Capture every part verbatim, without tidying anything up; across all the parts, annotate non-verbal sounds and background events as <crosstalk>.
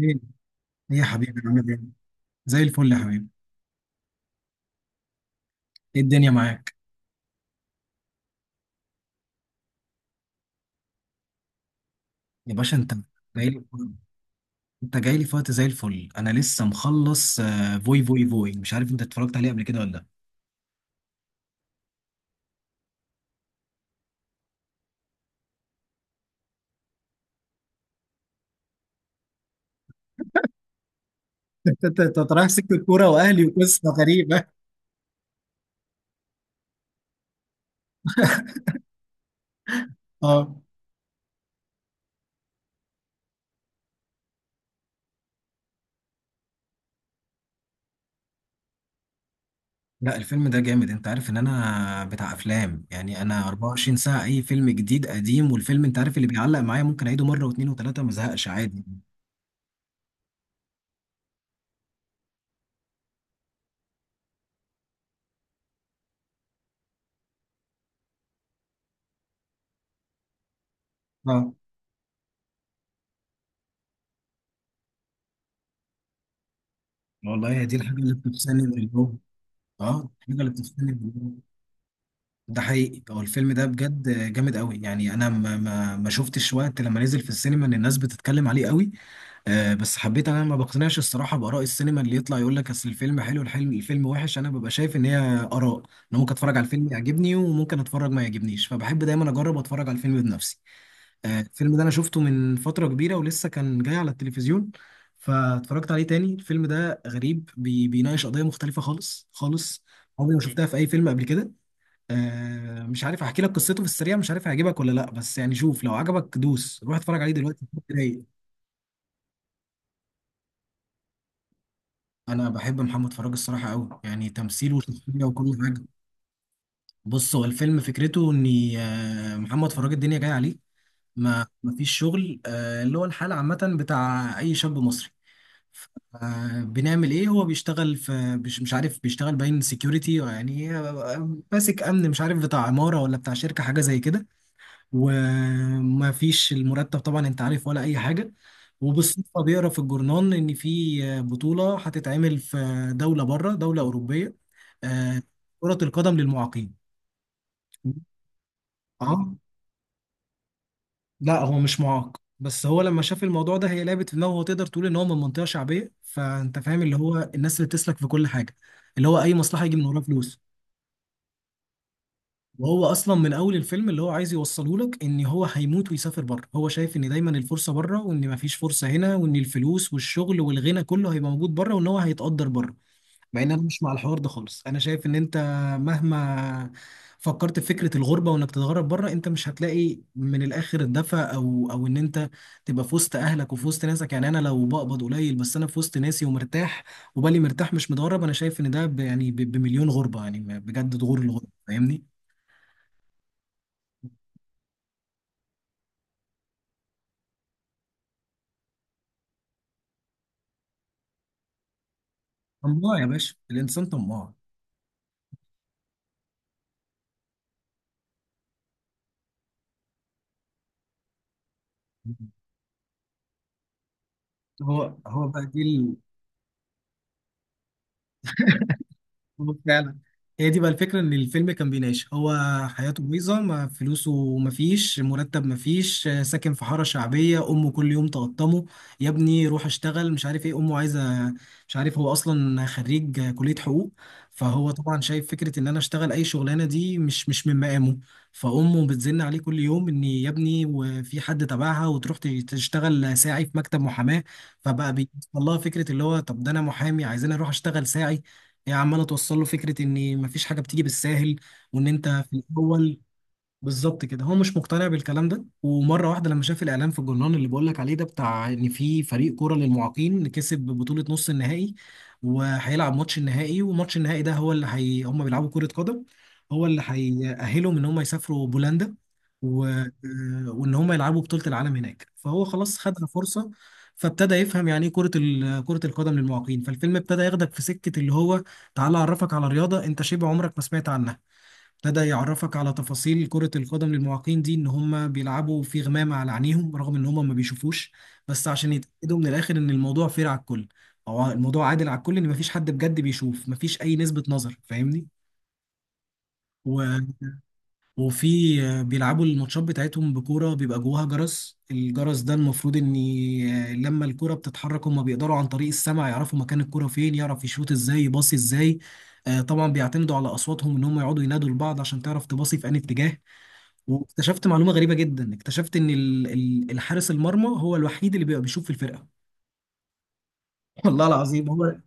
ايه، يا حبيبي عامل ايه؟ زي الفل يا حبيبي، ايه الدنيا معاك؟ يا باشا انت جاي لي، انت جاي لي في وقت زي الفل، انا لسه مخلص آه، فوي فوي فوي، مش عارف انت اتفرجت عليه قبل كده ولا لا؟ <laughs> انت انت انت رايح سكه كوره واهلي وقصه غريبه. اه. لا الفيلم ده جامد، انت عارف ان انا بتاع افلام، يعني انا 24 ساعة اي فيلم جديد قديم، والفيلم انت عارف اللي بيعلق معايا ممكن اعيده مرة واثنين وثلاثة ما ازهقش عادي. اه، والله هي دي الحاجة اللي بتفصلني من الجو، اه الحاجة اللي بتفصلني من الجو. ده حقيقي، هو الفيلم ده بجد جامد قوي، يعني انا ما ما ما شفتش وقت لما نزل في السينما ان الناس بتتكلم عليه قوي. آه بس حبيت، انا ما بقتنعش الصراحه باراء السينما اللي يطلع يقول لك اصل الفيلم حلو الحلم الفيلم وحش، انا ببقى شايف ان هي اراء، انا ممكن اتفرج على الفيلم يعجبني وممكن اتفرج ما يعجبنيش، فبحب دايما اجرب اتفرج على الفيلم بنفسي. آه الفيلم ده انا شفته من فتره كبيره ولسه كان جاي على التلفزيون، فاتفرجت عليه تاني. الفيلم ده غريب، بي بيناقش قضيه مختلفه خالص خالص، عمري ما شفتها في اي فيلم قبل كده. آه مش عارف احكي لك قصته في السريع، مش عارف هيعجبك ولا لا، بس يعني شوف، لو عجبك دوس روح اتفرج عليه دلوقتي رايق. انا بحب محمد فراج الصراحه قوي، يعني تمثيله وشخصيه وكل حاجه. بص هو الفيلم فكرته ان آه، محمد فراج الدنيا جايه عليه، ما ما فيش شغل آه، اللي هو الحال عامه بتاع اي شاب مصري. ف- آه، بنعمل ايه؟ هو بيشتغل في مش مش عارف، بيشتغل باين سيكيورتي يعني آه، آه، ماسك امن، مش عارف بتاع عماره ولا بتاع شركه حاجه زي كده، وما فيش المرتب طبعا انت عارف ولا اي حاجه. وبالصدفه بيقرا في الجورنال ان في بطوله هتتعمل في دوله بره، دوله اوروبيه آه، كره القدم للمعاقين. اه، لا هو مش معاق، بس هو لما شاف الموضوع ده هي لعبت في دماغه، هو تقدر تقول ان هو من منطقه شعبيه، فانت فاهم اللي هو الناس اللي بتسلك في كل حاجه، اللي هو اي مصلحه يجي من وراها فلوس. وهو اصلا من اول الفيلم اللي هو عايز يوصله لك ان هو هيموت ويسافر بره، هو شايف ان دايما الفرصه بره، وان مفيش فرصه هنا، وان الفلوس والشغل والغنى كله هيبقى موجود بره، وان هو هيتقدر بره. مع ان انا مش مع الحوار ده خالص، انا شايف ان انت مهما فكرت في فكره الغربه وانك تتغرب بره، انت مش هتلاقي من الاخر الدفى، او او ان انت تبقى في وسط اهلك وفي وسط ناسك. يعني انا لو بقبض قليل بس انا في وسط ناسي ومرتاح وبالي مرتاح مش متغرب، انا شايف ان ده ب- يعني ب- بمليون غربه، يعني بجد ده غور الغربه فاهمني. طماع يا باشا، الانسان طماع. هو هو بقى دي هو فعلا، هي دي بقى الفكرة، ان الفيلم كان بيناقش هو حياته بايظة، ما فلوسه، ما فيش مرتب، ما فيش آه، ساكن في حارة شعبية، امه كل يوم تقطمه يا ابني روح اشتغل مش عارف ايه، امه عايزة مش عارف، هو اصلا خريج آه، كلية حقوق، فهو طبعا شايف فكرة ان انا اشتغل اي شغلانة دي مش مش من مقامه. فامه بتزن عليه كل يوم ان يا ابني وفي حد تبعها وتروح ت- تشتغل ساعي في مكتب محاماة، فبقى بيوصل لها فكرة اللي هو طب ده انا محامي عايزين اروح اشتغل ساعي. هي عماله توصل له فكره ان مفيش حاجه بتيجي بالساهل وان انت في الاول. بالظبط كده. هو مش مقتنع بالكلام ده، ومره واحده لما شاف الاعلان في الجرنان اللي بقول لك عليه ده، بتاع ان في فريق كوره للمعاقين كسب بطوله نص النهائي وهيلعب ماتش النهائي، وماتش النهائي ده هو اللي هي هم بيلعبوا كره قدم، هو اللي هيأهلهم ان هم يسافروا بولندا و... آه، وان هم يلعبوا بطوله العالم هناك، فهو خلاص خد فرصه. فابتدى يفهم يعني ايه كره ال... كره القدم للمعاقين. فالفيلم ابتدى ياخدك في سكه اللي هو تعالى اعرفك على رياضه انت شبه عمرك ما سمعت عنها، ابتدى يعرفك على تفاصيل كرة القدم للمعاقين دي، ان هم بيلعبوا في غمامة على عينيهم رغم ان هم ما بيشوفوش، بس عشان يتأكدوا من الاخر ان الموضوع فير على الكل او الموضوع عادل على الكل، ان ما فيش حد بجد بيشوف، ما فيش اي نسبة نظر فاهمني. و... وفي آه، بيلعبوا الماتشات بتاعتهم بكورة بيبقى جواها جرس، الجرس ده المفروض ان آه، لما الكرة بتتحرك هم بيقدروا عن طريق السمع يعرفوا مكان الكرة فين، يعرف يشوط ازاي يباصي ازاي. آه، طبعا بيعتمدوا على اصواتهم ان هم يقعدوا ينادوا لبعض عشان تعرف تباصي في انهي اتجاه. واكتشفت معلومه غريبه جدا، اكتشفت ان ال- ال- الحارس المرمى هو الوحيد اللي بيبقى بيشوف في الفرقه. <laughs> والله العظيم. هو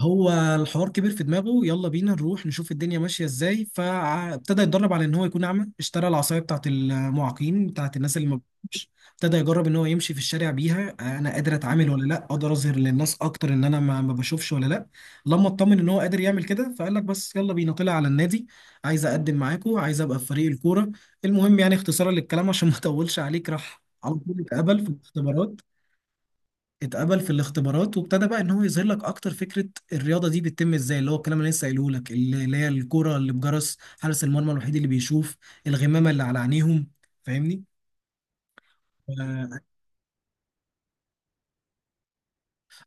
هو الحوار كبير في دماغه يلا بينا نروح نشوف الدنيا ماشية ازاي، فابتدى يتدرب على ان هو يكون اعمى، اشترى العصاية بتاعت المعاقين بتاعت الناس اللي ما بتشوفش، ابتدى يجرب ان هو يمشي في الشارع بيها، انا قادر اتعامل ولا لا، اقدر اظهر للناس اكتر ان انا ما ما بشوفش ولا لا. لما اطمن ان هو قادر يعمل كده فقال لك بس يلا بينا طلع على النادي، عايز اقدم معاكم، عايز ابقى في فريق الكورة. المهم يعني اختصارا للكلام عشان ما اطولش عليك راح على طول، اتقبل في الاختبارات، اتقبل في الاختبارات وابتدى بقى ان هو يظهر لك اكتر فكره الرياضه دي بتتم ازاي، اللي هو الكلام اللي لسه قايله لك، اللي اللي هي الكوره اللي بجرس، حارس المرمى الوحيد اللي بيشوف، الغمامه اللي على عينيهم فاهمني.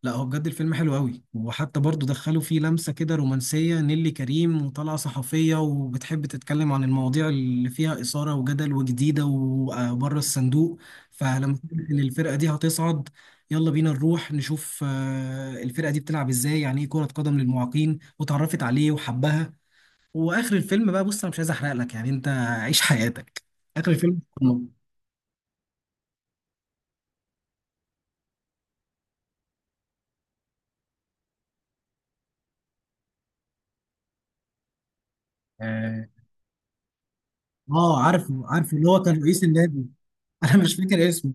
لا هو بجد الفيلم حلو قوي، وحتى برضو دخلوا فيه لمسة كده رومانسية، نيلي كريم وطالعة صحفية وبتحب تتكلم عن المواضيع اللي فيها إثارة وجدل وجديدة وبره الصندوق، فلما تقول إن الفرقة دي هتصعد، يلا بينا نروح نشوف آه، الفرقة دي بتلعب إزاي، يعني إيه كرة قدم للمعاقين، وتعرفت عليه وحبها. وآخر الفيلم بقى، بص أنا مش عايز أحرق لك يعني أنت عيش حياتك. آخر الفيلم. آه. آه، عارف عارف اللي هو كان رئيس النادي. <laughs> أنا مش فاكر اسمه.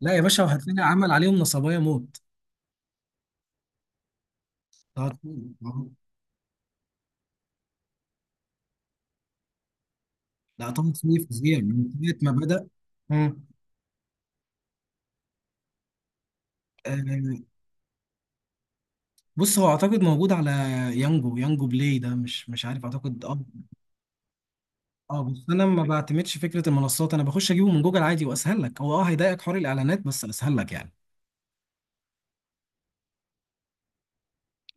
لا يا باشا وهتلاقي عمل عليهم نصبايا موت. طه دسوقي. لا طه دسوقي فظيع من ساعة ما بدأ. مم. آه، بص هو اعتقد موجود على يانجو يانجو بلاي ده، مش مش عارف، اعتقد اه. اه بس انا ما بعتمدش فكره المنصات، انا بخش اجيبه من جوجل عادي واسهل لك، هو اه هيضايقك حوار الاعلانات بس اسهل لك يعني.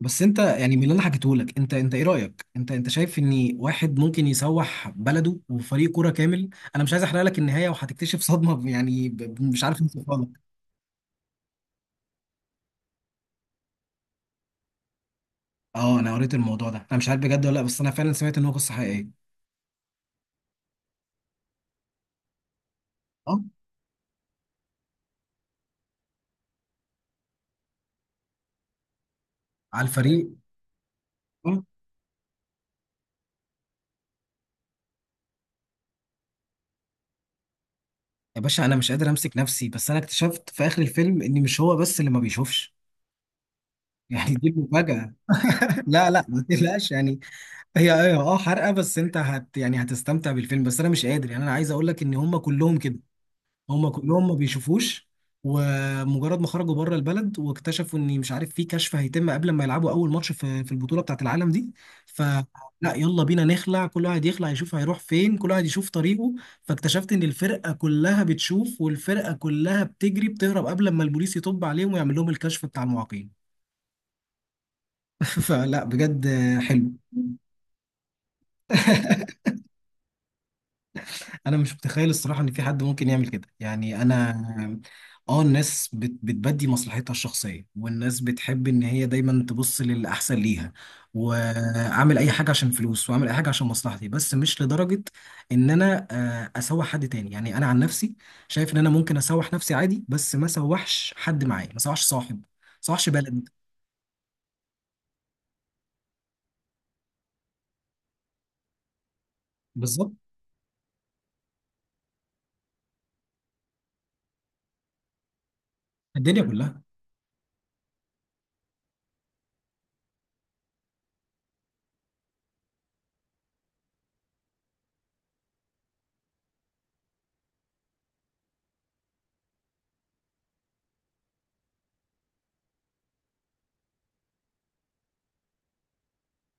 بس انت يعني من اللي انا حكيته لك، انت انت ايه رايك، انت انت شايف ان واحد ممكن يسوح بلده وفريق كوره كامل؟ انا مش عايز احرق لك النهايه وهتكتشف صدمه، يعني ب- ب- مش عارف انت. اه انا قريت الموضوع ده، انا مش عارف بجد ولا لا، بس انا فعلا سمعت ان هو قصه حقيقيه. اه. على الفريق. اه يا باشا انا مش قادر امسك نفسي، بس انا اكتشفت في اخر الفيلم ان مش هو بس اللي ما بيشوفش. <laughs> يعني دي المفاجاه. <laughs> لا لا ما تقلقش يعني. هي هي اه حرقه، بس انت هت يعني هتستمتع بالفيلم، بس انا مش قادر يعني، انا عايز اقول لك ان هم كلهم كده، هم كلهم ما بيشوفوش. ومجرد ما خرجوا بره البلد واكتشفوا ان مش عارف في كشف هيتم قبل ما يلعبوا اول ماتش في في البطوله بتاعت العالم دي، فلا يلا بينا نخلع، كل واحد يخلع يشوف هيروح فين، كل واحد يشوف طريقه. فاكتشفت ان الفرقه كلها بتشوف، والفرقه كلها بتجري بتهرب قبل ما البوليس يطب عليهم ويعمل لهم الكشف بتاع المعاقين. <laughs> فلا بجد. حلو. <laughs> انا مش متخيل الصراحه ان في حد ممكن يعمل كده، يعني انا اه الناس بت... بتبدي مصلحتها الشخصيه، والناس بتحب ان هي دايما تبص للاحسن ليها، واعمل اي حاجه عشان فلوس، واعمل اي حاجه عشان مصلحتي، بس مش لدرجه ان انا آه، اسوح حد تاني. يعني انا عن نفسي شايف ان انا ممكن اسوح نفسي عادي، بس ما اسوحش حد معايا، ما اسوحش صاحب، ما اسوحش بلد. بالظبط. الدنيا كلها.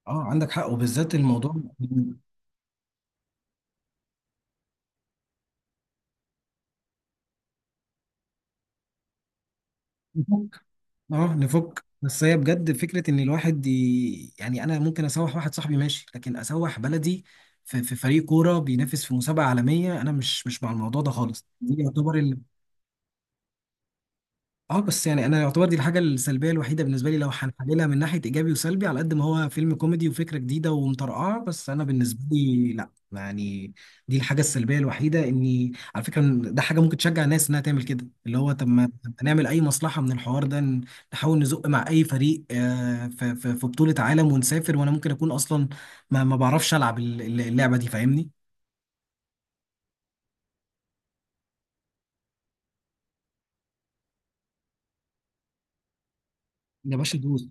اه عندك حق وبالذات الموضوع. <laughs> اه نفك، بس هي بجد فكرة ان الواحد ي... يعني انا ممكن اسوح واحد صاحبي ماشي، لكن اسوح بلدي في، في فريق كورة بينافس في مسابقة عالمية، انا مش مش مع الموضوع ده خالص. دي يعتبر ال... اه، بس يعني انا يعتبر دي الحاجه السلبيه الوحيده بالنسبه لي، لو هنحللها من ناحيه ايجابي وسلبي، على قد ما هو فيلم كوميدي وفكره جديده ومطرقعه، بس انا بالنسبه لي لا يعني، دي الحاجه السلبيه الوحيده، اني على فكره إن ده حاجه ممكن تشجع الناس انها تعمل كده، اللي هو طب ما، طب ما نعمل اي مصلحه من الحوار ده، ن- نحاول نزق مع اي فريق آه، في في- في بطوله عالم ونسافر، وانا ممكن اكون اصلا ما ما بعرفش العب الل- الل- اللعبه دي، فاهمني. يا باشا دوس،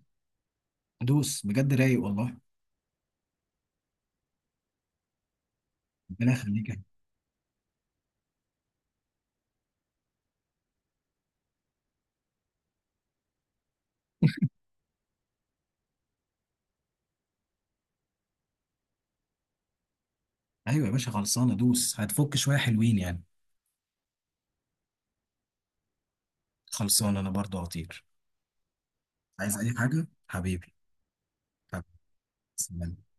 دوس بجد رايق والله. ربنا يخليك. ايوه يا باشا خلصانه، دوس هتفك شويه حلوين يعني. خلصان انا برضو هطير. عايز اي حاجة حبيبي. حبيبي. سلام.